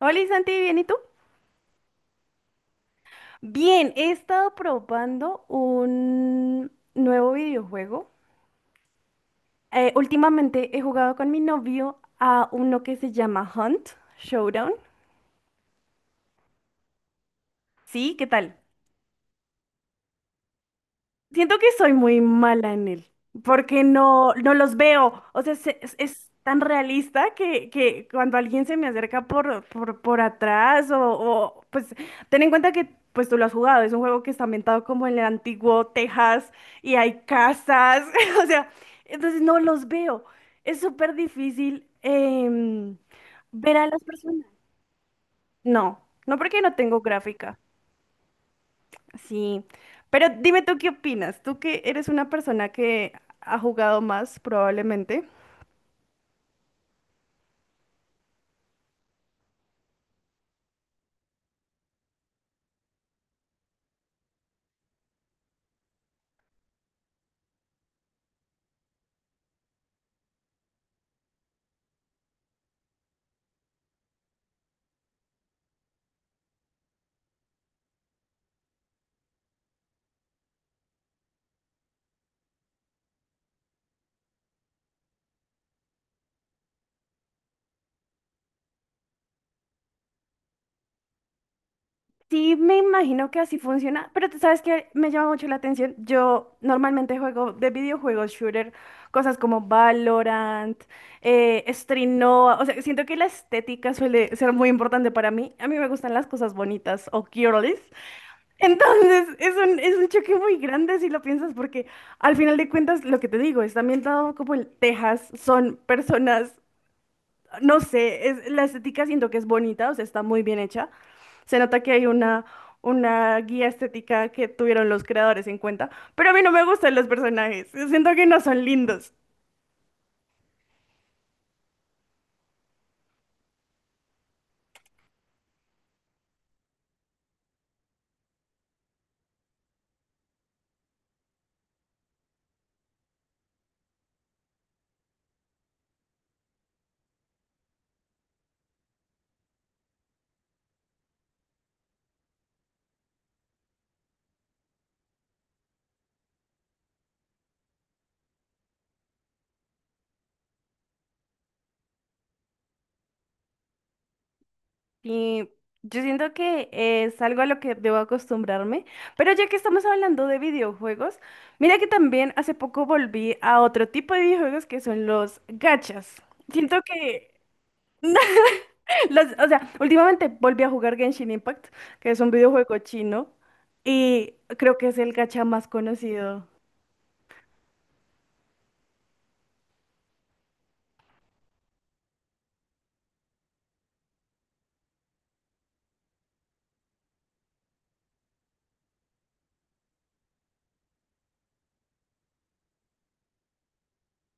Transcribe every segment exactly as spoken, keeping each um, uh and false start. Hola Santi, ¿bien y tú? Bien, he estado probando un nuevo videojuego. Eh, últimamente he jugado con mi novio a uno que se llama Hunt Showdown. Sí, ¿qué tal? Siento que soy muy mala en él, porque no, no los veo. O sea, se- es, es tan realista que, que cuando alguien se me acerca por, por, por atrás o, o, pues ten en cuenta que pues tú lo has jugado, es un juego que está ambientado como en el antiguo Texas y hay casas, o sea, entonces no los veo. Es súper difícil em, ver a las personas. No, no porque no tengo gráfica. Sí, pero dime tú qué opinas, tú que eres una persona que ha jugado más probablemente. Sí, me imagino que así funciona, pero tú sabes que me llama mucho la atención. Yo normalmente juego de videojuegos shooter, cosas como Valorant, eh, Strinoa, o sea, siento que la estética suele ser muy importante para mí. A mí me gustan las cosas bonitas o girlies. Entonces, es un, es un choque muy grande si lo piensas, porque al final de cuentas, lo que te digo, está ambientado como en Texas, son personas, no sé, es, la estética siento que es bonita, o sea, está muy bien hecha. Se nota que hay una, una guía estética que tuvieron los creadores en cuenta, pero a mí no me gustan los personajes, siento que no son lindos. Y yo siento que es algo a lo que debo acostumbrarme. Pero ya que estamos hablando de videojuegos, mira que también hace poco volví a otro tipo de videojuegos que son los gachas. Siento que los, o sea, últimamente volví a jugar Genshin Impact, que es un videojuego chino, y creo que es el gacha más conocido.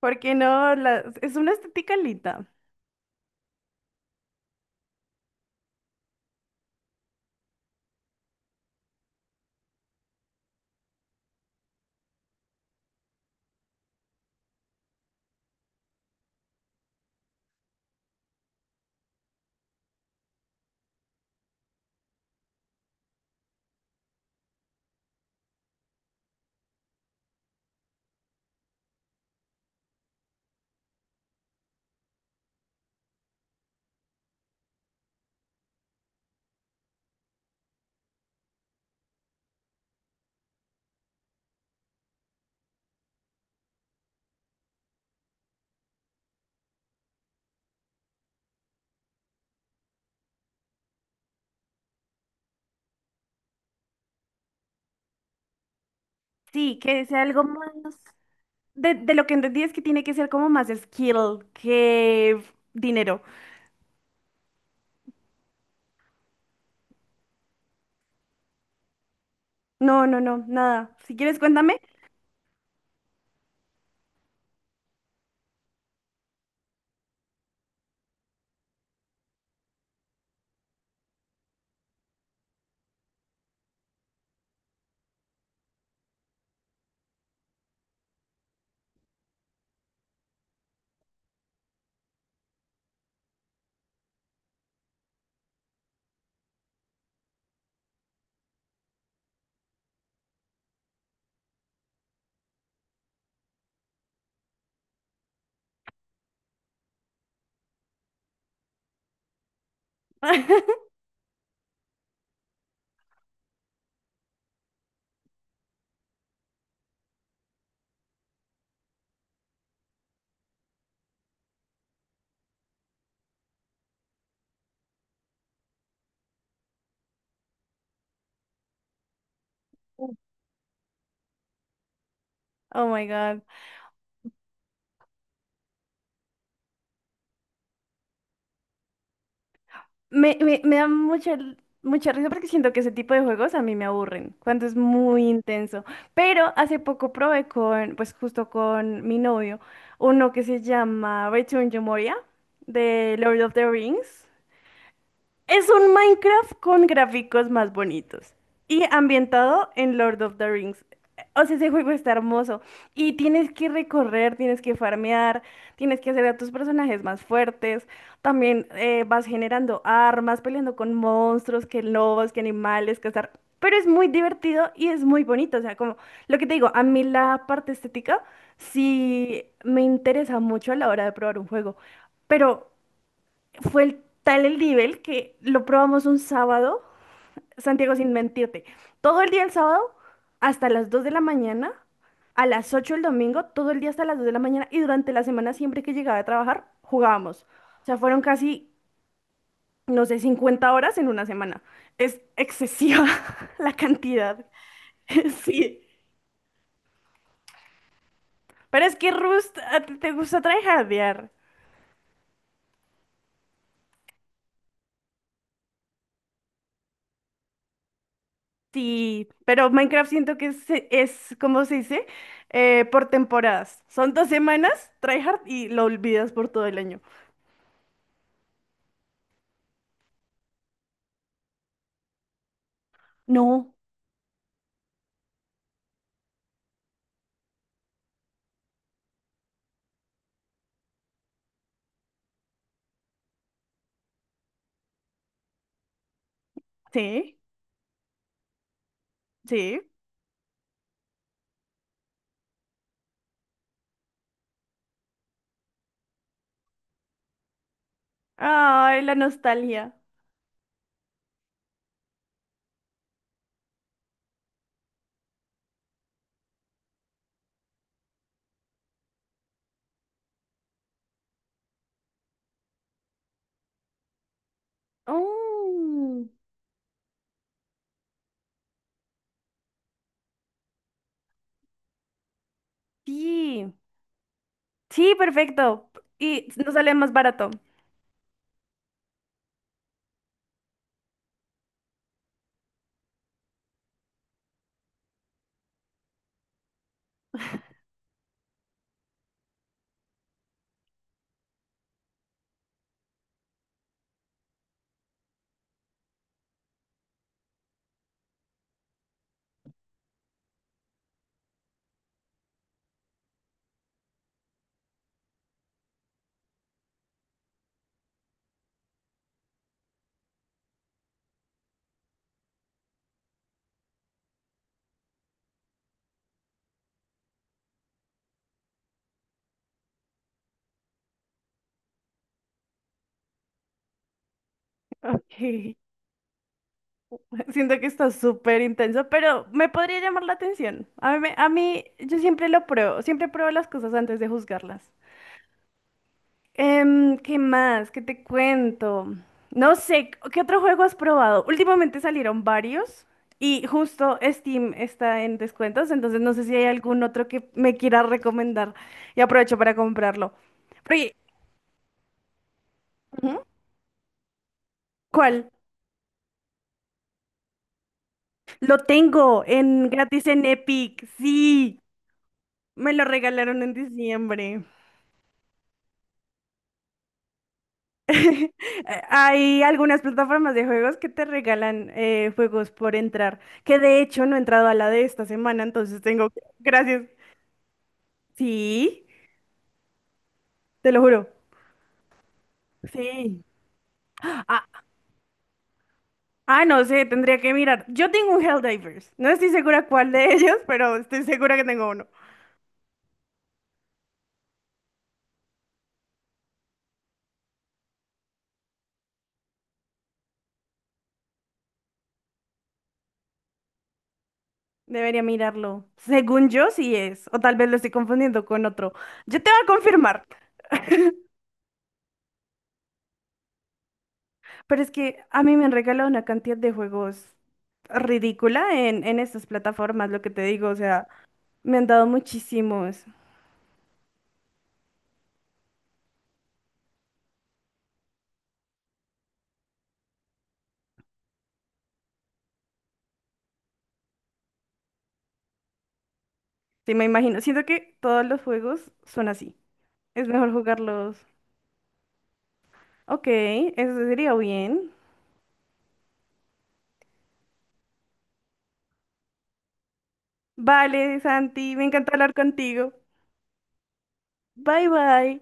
Porque no, La- es una estética linda. Sí, que sea algo más. De, de lo que entendí es que tiene que ser como más skill que dinero. No, no, no, nada. Si quieres, cuéntame. Oh my God. Me, me, me da mucha, mucha risa porque siento que ese tipo de juegos a mí me aburren, cuando es muy intenso. Pero hace poco probé con, pues justo con mi novio, uno que se llama Return to Moria, de Lord of the Rings. Es un Minecraft con gráficos más bonitos y ambientado en Lord of the Rings. O sea, ese juego está hermoso y tienes que recorrer, tienes que farmear, tienes que hacer a tus personajes más fuertes. También eh, vas generando armas, peleando con monstruos, que lobos, que animales, cazar. Pero es muy divertido y es muy bonito. O sea, como lo que te digo, a mí la parte estética sí me interesa mucho a la hora de probar un juego. Pero fue el, tal el nivel que lo probamos un sábado, Santiago, sin mentirte, todo el día el sábado hasta las dos de la mañana, a las ocho el domingo, todo el día hasta las dos de la mañana y durante la semana siempre que llegaba a trabajar jugábamos. O sea, fueron casi, no sé, cincuenta horas en una semana. Es excesiva la cantidad. Sí. Pero es que Rust, a ti te gusta tryhardear. Sí, pero Minecraft siento que es, es ¿cómo se dice? Eh, por temporadas. Son dos semanas, tryhard, y lo olvidas por todo el año. No. Sí, sí. Ay, la nostalgia. Oh, sí. Sí, perfecto. Y nos sale más barato. Ok. Siento que está súper intenso, pero me podría llamar la atención. A mí, me- a mí, yo siempre lo pruebo, siempre pruebo las cosas antes de juzgarlas. Em, ¿qué más? ¿Qué te cuento? No sé, ¿qué otro juego has probado? Últimamente salieron varios y justo Steam está en descuentos, entonces no sé si hay algún otro que me quiera recomendar y aprovecho para comprarlo. Pero, y- Ujú. ¿Cuál? Lo tengo en gratis en Epic, sí, me lo regalaron en diciembre. Eh, Hay algunas plataformas de juegos que te regalan eh, juegos por entrar, que de hecho no he entrado a la de esta semana, entonces tengo, gracias, sí, te lo juro. Sí. Ah, ah, no sé, tendría que mirar. Yo tengo un Helldivers. No estoy segura cuál de ellos, pero estoy segura que tengo uno. Debería mirarlo. Según yo, sí es. O tal vez lo estoy confundiendo con otro. Yo te voy a confirmar. Pero es que a mí me han regalado una cantidad de juegos ridícula en, en estas plataformas, lo que te digo. O sea, me han dado muchísimos. Sí, me imagino. Siento que todos los juegos son así. Es mejor jugarlos. Ok, eso sería bien. Vale, Santi, me encantó hablar contigo. Bye bye.